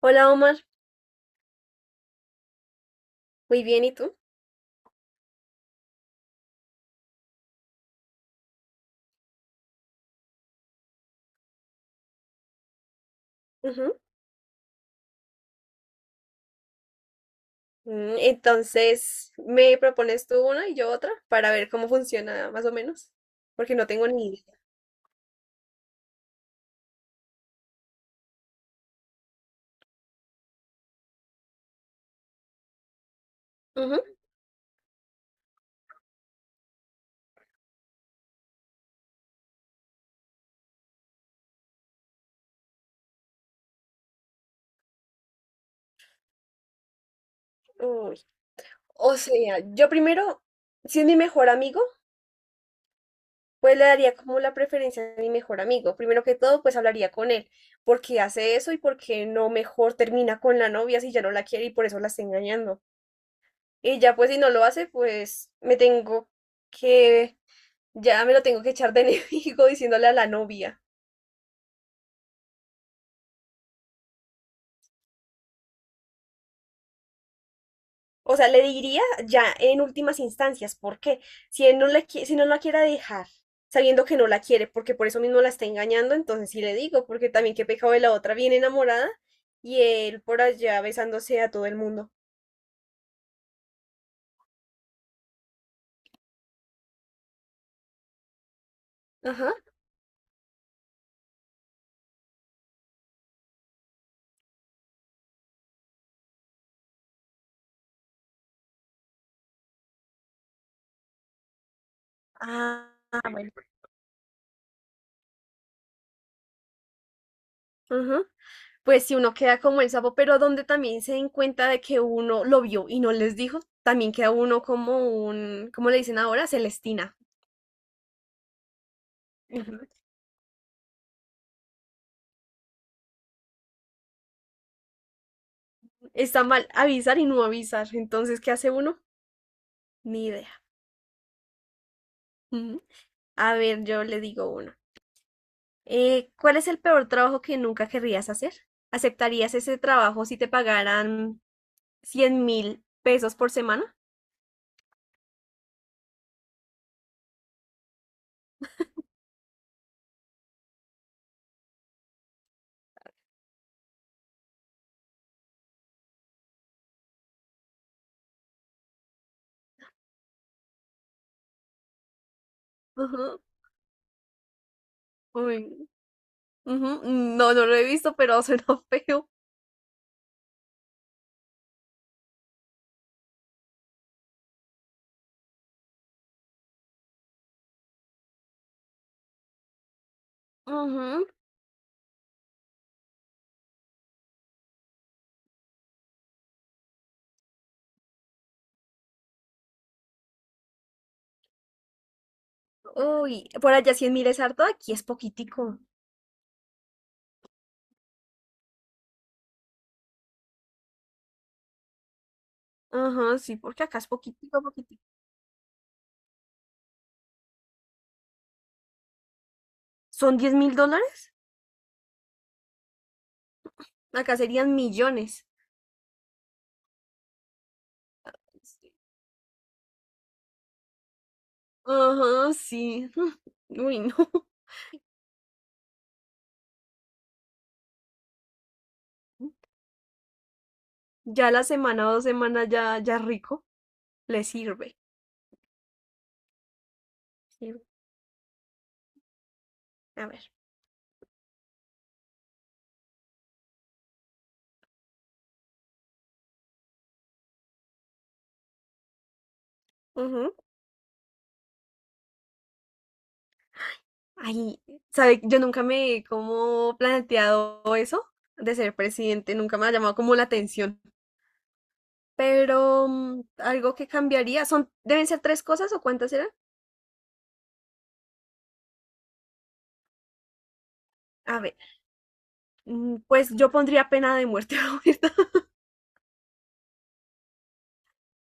Hola Omar, muy bien, ¿y tú? Ujú. Entonces, ¿me propones tú una y yo otra para ver cómo funciona más o menos? Porque no tengo ni idea. Ujú. Uy. O sea, yo primero, si es mi mejor amigo, pues le daría como la preferencia a mi mejor amigo. Primero que todo, pues hablaría con él. ¿Por qué hace eso y por qué no mejor termina con la novia si ya no la quiere y por eso la está engañando? Y ya pues si no lo hace, pues me tengo que, ya me lo tengo que echar de enemigo diciéndole a la novia. O sea, le diría ya en últimas instancias, ¿por qué? Si no la quiera dejar, sabiendo que no la quiere, porque por eso mismo la está engañando, entonces sí le digo, porque también qué pecado de la otra, bien enamorada, y él por allá besándose a todo el mundo. Ajá. Ah, bueno. Ajá. Pues si uno queda como el sapo, pero donde también se den cuenta de que uno lo vio y no les dijo, también queda uno como un, ¿cómo le dicen ahora? Celestina. Ujú. Está mal avisar y no avisar. Entonces, ¿qué hace uno? Ni idea. Ujú. A ver, yo le digo uno. ¿Cuál es el peor trabajo que nunca querrías hacer? ¿Aceptarías ese trabajo si te pagaran 100.000 pesos por semana? Ujú, uy, ujú, no, no lo he visto, pero suena feo. Ujú, uy, por allá 100.000 es harto, aquí es poquitico. Ajá, sí, porque acá es poquitico, poquitico. ¿Son 10.000 dólares? Acá serían millones. Sí. Ajá, sí. Uy, no. Ya la semana o 2 semanas ya, ya rico, le sirve. Sirve. A ver. Ujú. Ay, ¿sabe? Yo nunca me he como planteado eso de ser presidente, nunca me ha llamado como la atención. Pero algo que cambiaría, son, deben ser tres cosas o cuántas eran. A ver, pues yo pondría pena de muerte, la verdad.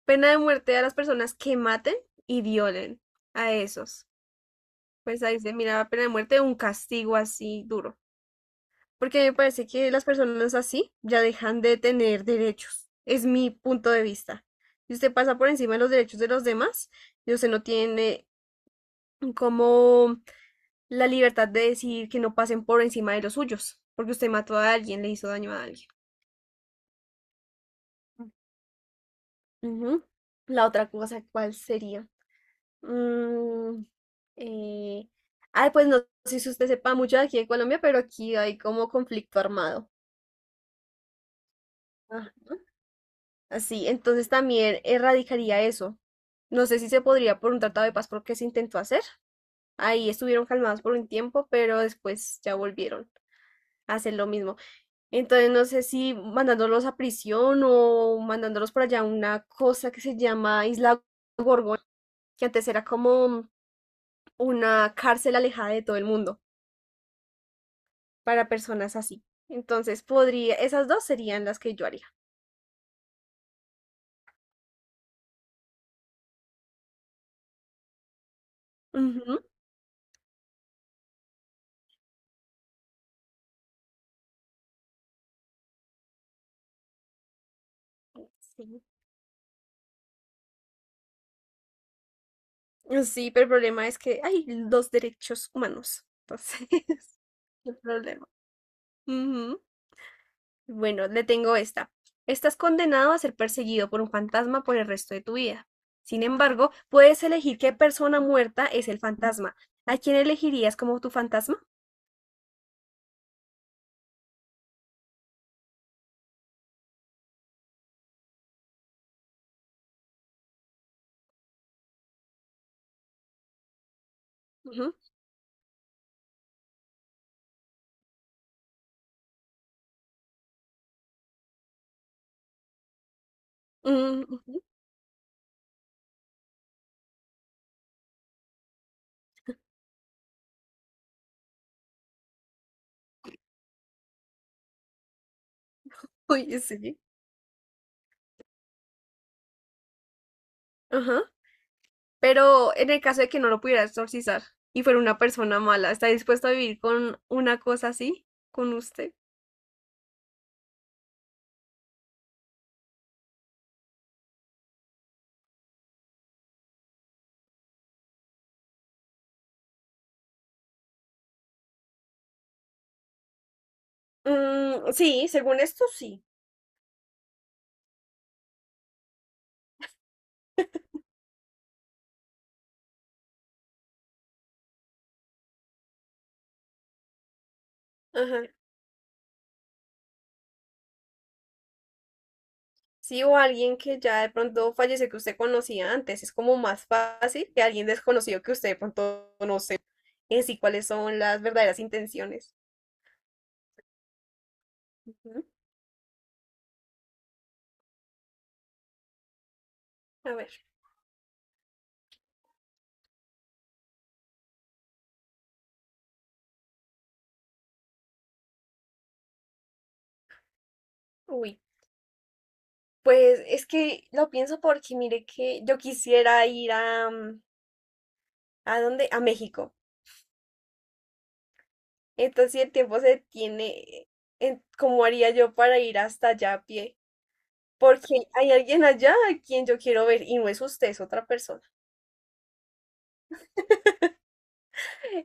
Pena de muerte a las personas que maten y violen a esos. Pues ahí se mira pena de muerte, un castigo así duro, porque me parece que las personas así ya dejan de tener derechos. Es mi punto de vista. Si usted pasa por encima de los derechos de los demás, y usted no tiene como la libertad de decir que no pasen por encima de los suyos, porque usted mató a alguien, le hizo daño a alguien. Ujú. La otra cosa, ¿cuál sería? Mm, eh, ay, pues no sé si usted sepa mucho de aquí de Colombia, pero aquí hay como conflicto armado. Así, entonces también erradicaría eso. No sé si se podría por un tratado de paz porque se intentó hacer. Ahí estuvieron calmados por un tiempo, pero después ya volvieron a hacer lo mismo. Entonces no sé si mandándolos a prisión o mandándolos por allá a una cosa que se llama Isla Gorgona, que antes era como una cárcel alejada de todo el mundo para personas así. Entonces podría, esas dos serían las que yo haría. Ujú. Sí. Sí, pero el problema es que hay los derechos humanos. Entonces, el problema. Ujú. Bueno, le tengo esta. Estás condenado a ser perseguido por un fantasma por el resto de tu vida. Sin embargo, puedes elegir qué persona muerta es el fantasma. ¿A quién elegirías como tu fantasma? Ujú. Mm, ujú. Uy, sí. Ajá. Pero en el caso de que no lo pudieras exorcizar y fuera una persona mala, ¿está dispuesto a vivir con una cosa así? ¿Con usted? Mm, sí, según esto sí. Ajá. Sí, o alguien que ya de pronto fallece que usted conocía antes. Es como más fácil que alguien desconocido que usted de pronto no sé en sí cuáles son las verdaderas intenciones. Ujú. A ver, uy. Pues es que lo pienso porque mire que yo quisiera ir a, ¿a dónde? A México. Entonces, si el tiempo se tiene, ¿cómo haría yo para ir hasta allá a pie? Porque hay alguien allá a quien yo quiero ver y no es usted, es otra persona.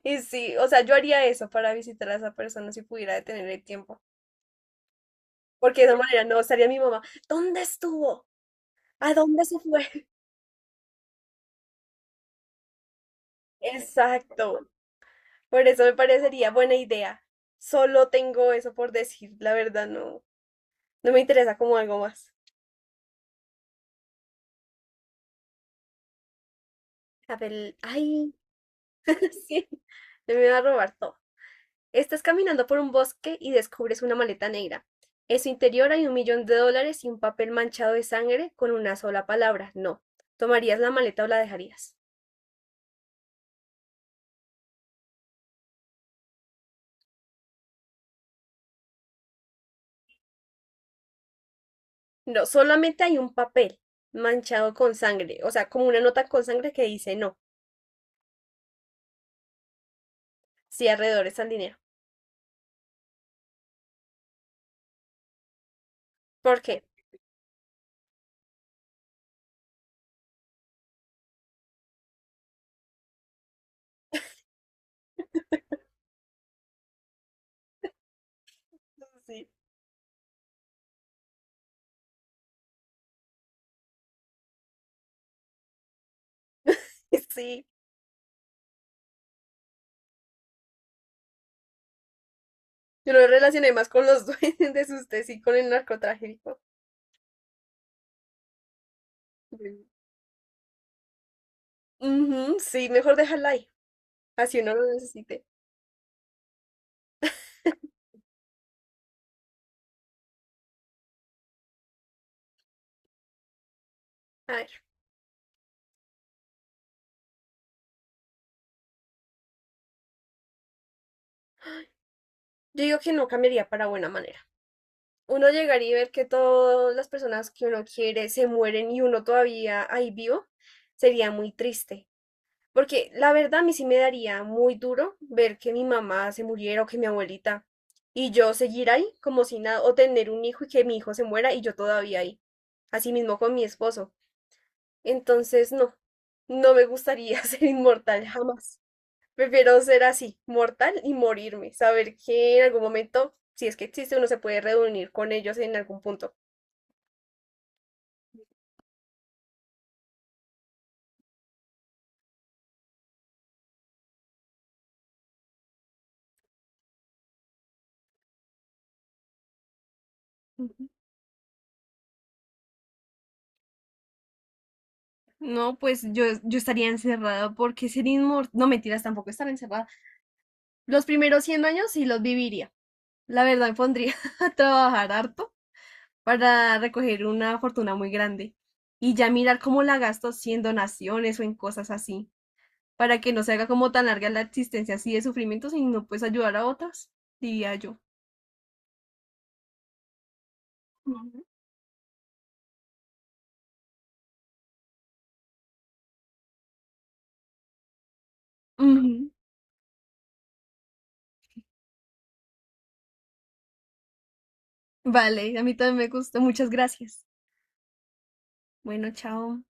Y sí, o sea, yo haría eso para visitar a esa persona si pudiera detener el tiempo, porque de esa manera no estaría mi mamá. ¿Dónde estuvo? ¿A dónde se fue? Exacto. Por eso me parecería buena idea. Solo tengo eso por decir, la verdad no, no me interesa como algo más. A ver, ay, sí, me va a robar todo. Estás caminando por un bosque y descubres una maleta negra. En su interior hay 1.000.000 de dólares y un papel manchado de sangre con una sola palabra, no. ¿Tomarías la maleta o la dejarías? No, solamente hay un papel manchado con sangre, o sea, como una nota con sangre que dice no, cierre alrededor al dinero. ¿Por qué? Sí, sí. Yo lo relacioné más con los duendes, usted sí, con el narcotráfico. Mm. Ujú, sí, mejor dejarla ahí, así uno lo necesite. A ver, yo digo que no cambiaría para buena manera. Uno llegar y ver que todas las personas que uno quiere se mueren y uno todavía ahí vivo, sería muy triste. Porque la verdad a mí sí me daría muy duro ver que mi mamá se muriera o que mi abuelita y yo seguir ahí como si nada, o tener un hijo y que mi hijo se muera y yo todavía ahí. Así mismo con mi esposo. Entonces, no, no me gustaría ser inmortal jamás. Prefiero ser así, mortal y morirme, saber que en algún momento, si es que existe, uno se puede reunir con ellos en algún punto. No, pues yo estaría encerrada porque ser inmortal, no mentiras, tampoco estar encerrada. Los primeros 100 años sí los viviría. La verdad me pondría a trabajar harto para recoger una fortuna muy grande y ya mirar cómo la gasto si en donaciones o en cosas así, para que no se haga como tan larga la existencia así de sufrimiento, sino pues ayudar a otras, diría yo. Ujú. Ujú. Vale, a mí también me gustó. Muchas gracias. Bueno, chao.